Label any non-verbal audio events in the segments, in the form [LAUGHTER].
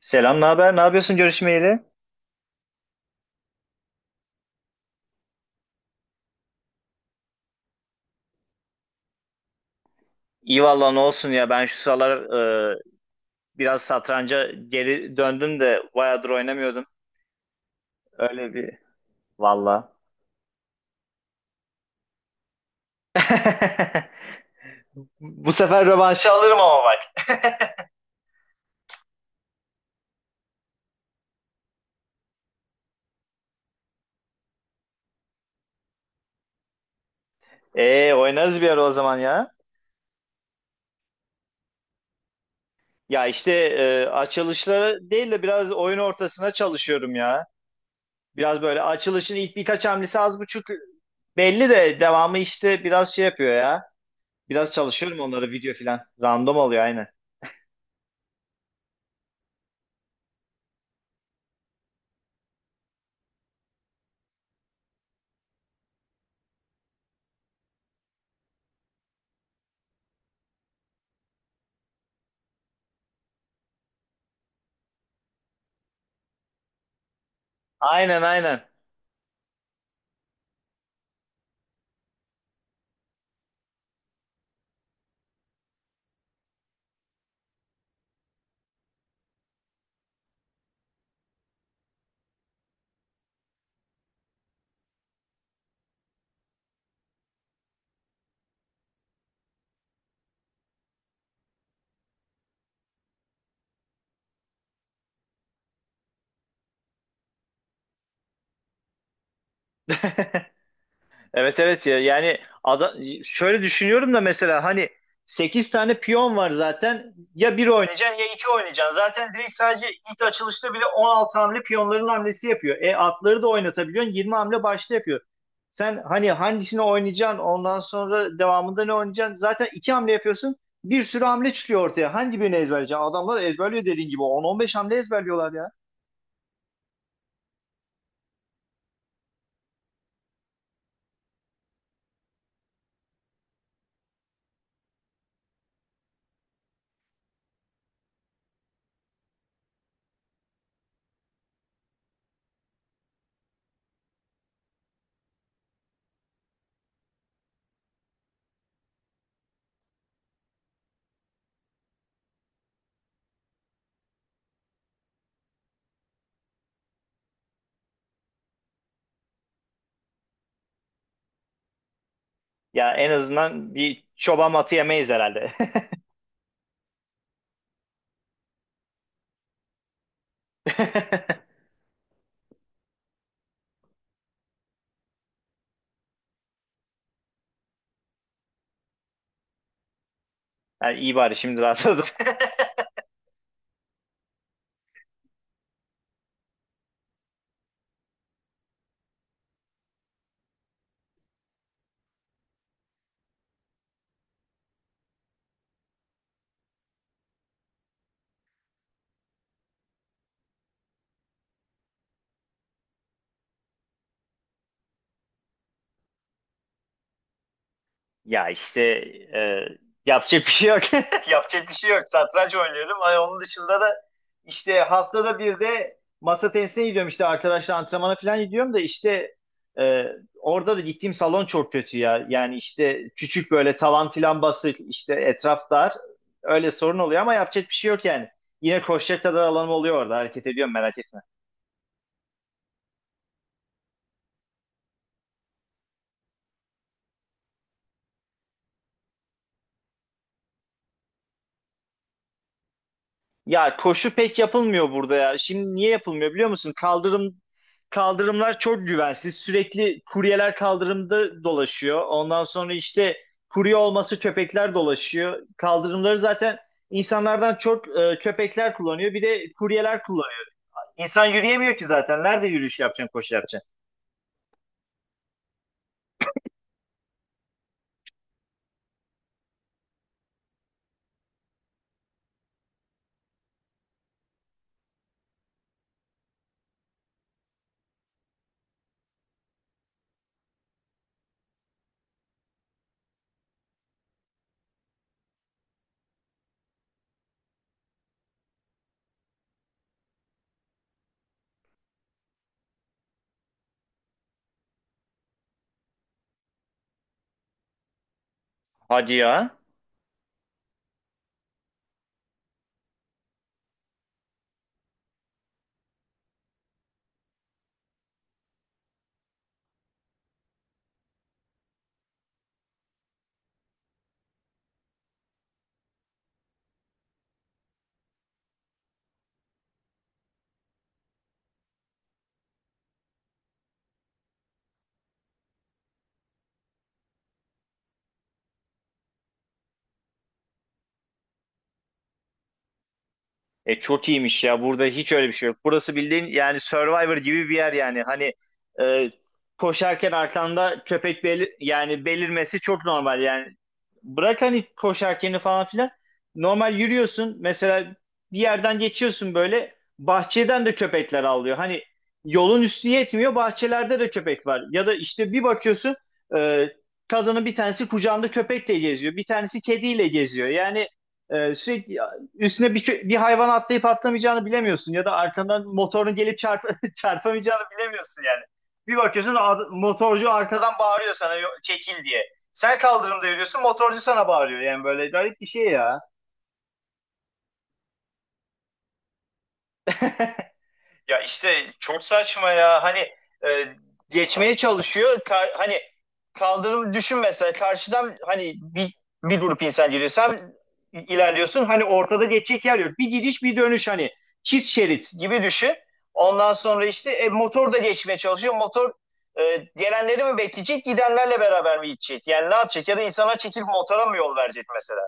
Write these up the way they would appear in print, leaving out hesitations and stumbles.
Selam, ne haber? Ne yapıyorsun görüşmeyeli? İyi valla ne olsun ya ben şu sıralar e, biraz satranca geri döndüm de bayağıdır oynamıyordum. Öyle bir valla. [LAUGHS] Bu sefer rövanşı alırım ama bak. Oynarız bir ara o zaman ya. Ya işte açılışları değil de biraz oyun ortasına çalışıyorum ya. Biraz böyle açılışın ilk birkaç hamlesi az buçuk belli de devamı işte biraz şey yapıyor ya. Biraz çalışıyorum onları video filan. Random oluyor aynen. Aynen, aynen. Evet, evet, ya yani şöyle düşünüyorum da mesela hani 8 tane piyon var zaten, ya bir oynayacaksın ya 2 oynayacaksın. Zaten direkt sadece ilk açılışta bile 16 hamle piyonların hamlesi yapıyor. E atları da oynatabiliyorsun, 20 hamle başta yapıyor. Sen hani hangisini oynayacaksın, ondan sonra devamında ne oynayacaksın? Zaten 2 hamle yapıyorsun, bir sürü hamle çıkıyor ortaya. Hangi birini ezberleyeceksin? Adamlar ezberliyor dediğin gibi, 10-15 hamle ezberliyorlar ya. Ya en azından bir çoban atı yemeyiz herhalde. [LAUGHS] Yani iyi, bari şimdi rahatladım. [LAUGHS] Ya işte e, yapacak bir şey yok. [LAUGHS] Yapacak bir şey yok. Satranç oynuyorum. Ay, onun dışında da işte haftada bir de masa tenisine gidiyorum. İşte arkadaşlar antrenmana falan gidiyorum da işte e, orada da gittiğim salon çok kötü ya. Yani işte küçük böyle, tavan falan basık, işte etraf dar. Öyle sorun oluyor ama yapacak bir şey yok yani. Yine koşacak kadar alanım oluyor orada. Hareket ediyorum, merak etme. Ya koşu pek yapılmıyor burada ya. Şimdi niye yapılmıyor biliyor musun? Kaldırımlar çok güvensiz. Sürekli kuryeler kaldırımda dolaşıyor. Ondan sonra işte kurye olması, köpekler dolaşıyor. Kaldırımları zaten insanlardan çok köpekler kullanıyor. Bir de kuryeler kullanıyor. İnsan yürüyemiyor ki zaten. Nerede yürüyüş yapacaksın, koşu yapacaksın? Hadi ya. E, çok iyiymiş ya. Burada hiç öyle bir şey yok. Burası bildiğin yani Survivor gibi bir yer yani. Hani e, koşarken arkanda köpek belirmesi çok normal yani. Bırak hani koşarkeni falan filan. Normal yürüyorsun. Mesela bir yerden geçiyorsun böyle. Bahçeden de köpekler avlıyor. Hani yolun üstü yetmiyor, bahçelerde de köpek var. Ya da işte bir bakıyorsun, e, kadının bir tanesi kucağında köpekle geziyor, bir tanesi kediyle geziyor. Yani sürekli üstüne bir hayvan atlayıp atlamayacağını bilemiyorsun, ya da arkandan motorun gelip [LAUGHS] çarpamayacağını bilemiyorsun yani. Bir bakıyorsun, motorcu arkadan bağırıyor sana, çekil" diye. Sen kaldırımda yürüyorsun, motorcu sana bağırıyor yani, böyle garip bir şey ya. Ya işte çok saçma ya. Hani e, geçmeye çalışıyor. Hani kaldırım düşün, mesela karşıdan hani bir grup insan geliyor. Sen ilerliyorsun. Hani ortada geçecek yer yok, bir gidiş bir dönüş, hani çift şerit gibi düşün. Ondan sonra işte motor da geçmeye çalışıyor. Motor gelenleri mi bekleyecek, gidenlerle beraber mi gidecek? Yani ne yapacak? Ya da insana çekilip motora mı yol verecek mesela?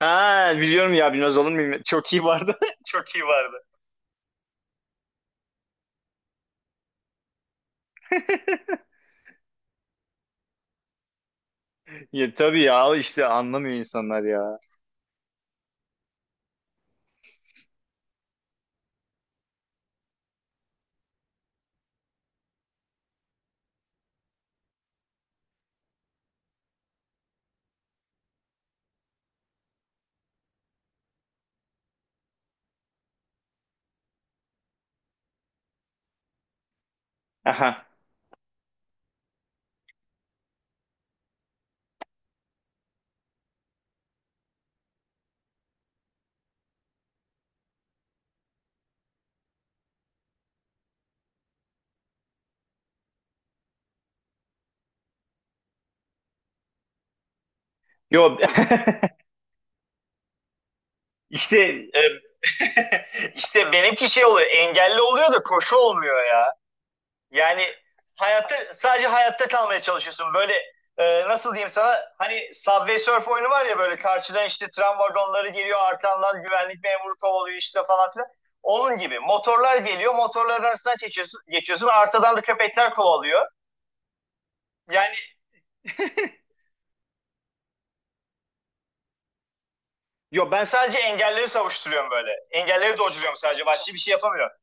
Ha, biliyorum ya, bilmez olur muyum? Çok iyi vardı. [LAUGHS] Çok iyi vardı. [LAUGHS] Ya, tabii ya, işte anlamıyor insanlar ya. Aha. Yo. [LAUGHS] işte e, [LAUGHS] işte benimki şey oluyor, engelli oluyor da koşu olmuyor ya. Yani hayatta, sadece hayatta kalmaya çalışıyorsun. Böyle nasıl diyeyim sana, hani Subway Surf oyunu var ya, böyle karşıdan işte tren vagonları geliyor, arkandan güvenlik memuru kovalıyor işte falan filan. Onun gibi motorlar geliyor, motorların arasından geçiyorsun, geçiyorsun, arkadan da köpekler kovalıyor. Yani. Yo, ben sadece engelleri savuşturuyorum böyle. Engelleri dolduruyorum sadece. Başka bir şey yapamıyorum.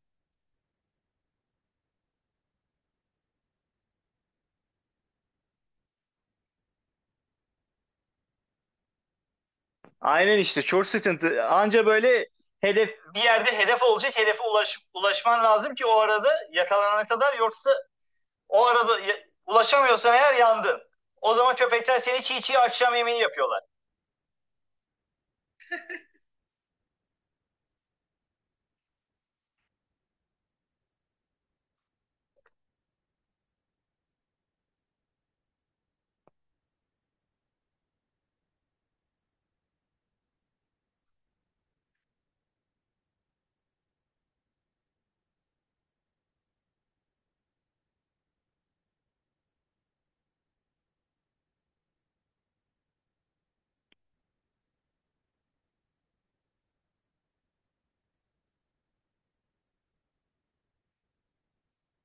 Aynen, işte çok sıkıntı. Anca böyle hedef, bir yerde hedef olacak, hedefe ulaşman lazım ki o arada, yakalanana kadar, yoksa o arada ulaşamıyorsan eğer yandın. O zaman köpekler seni çiğ çiğ akşam yemeği yapıyorlar.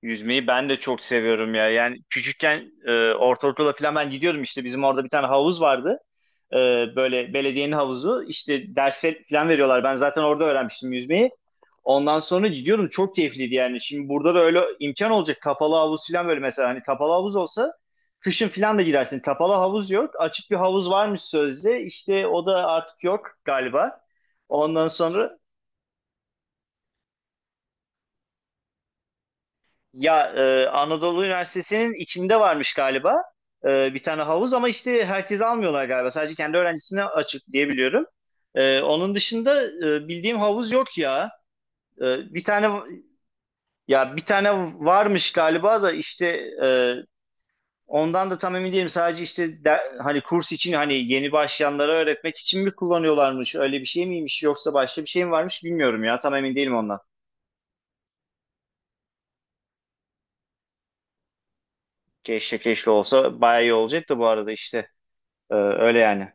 Yüzmeyi ben de çok seviyorum ya. Yani küçükken ortaokula falan ben gidiyordum, işte bizim orada bir tane havuz vardı. Ee, Böyle belediyenin havuzu, işte ders falan veriyorlar. Ben zaten orada öğrenmiştim yüzmeyi. Ondan sonra gidiyorum, çok keyifliydi yani. Şimdi burada da öyle imkan olacak. Kapalı havuz falan, böyle mesela hani kapalı havuz olsa kışın falan da girersin. Kapalı havuz yok. Açık bir havuz varmış sözde. İşte o da artık yok galiba. Ondan sonra, ya Anadolu Üniversitesi'nin içinde varmış galiba bir tane havuz, ama işte herkese almıyorlar galiba. Sadece kendi öğrencisine açık diye biliyorum. E, onun dışında bildiğim havuz yok ya. E, bir tane, ya bir tane varmış galiba da, işte e, ondan da tam emin değilim. Sadece işte hani kurs için, hani yeni başlayanlara öğretmek için mi kullanıyorlarmış? Öyle bir şey miymiş, yoksa başka bir şey mi varmış bilmiyorum ya. Tam emin değilim ondan. Keşke, keşke olsa bayağı iyi olacak da, bu arada işte E, öyle yani.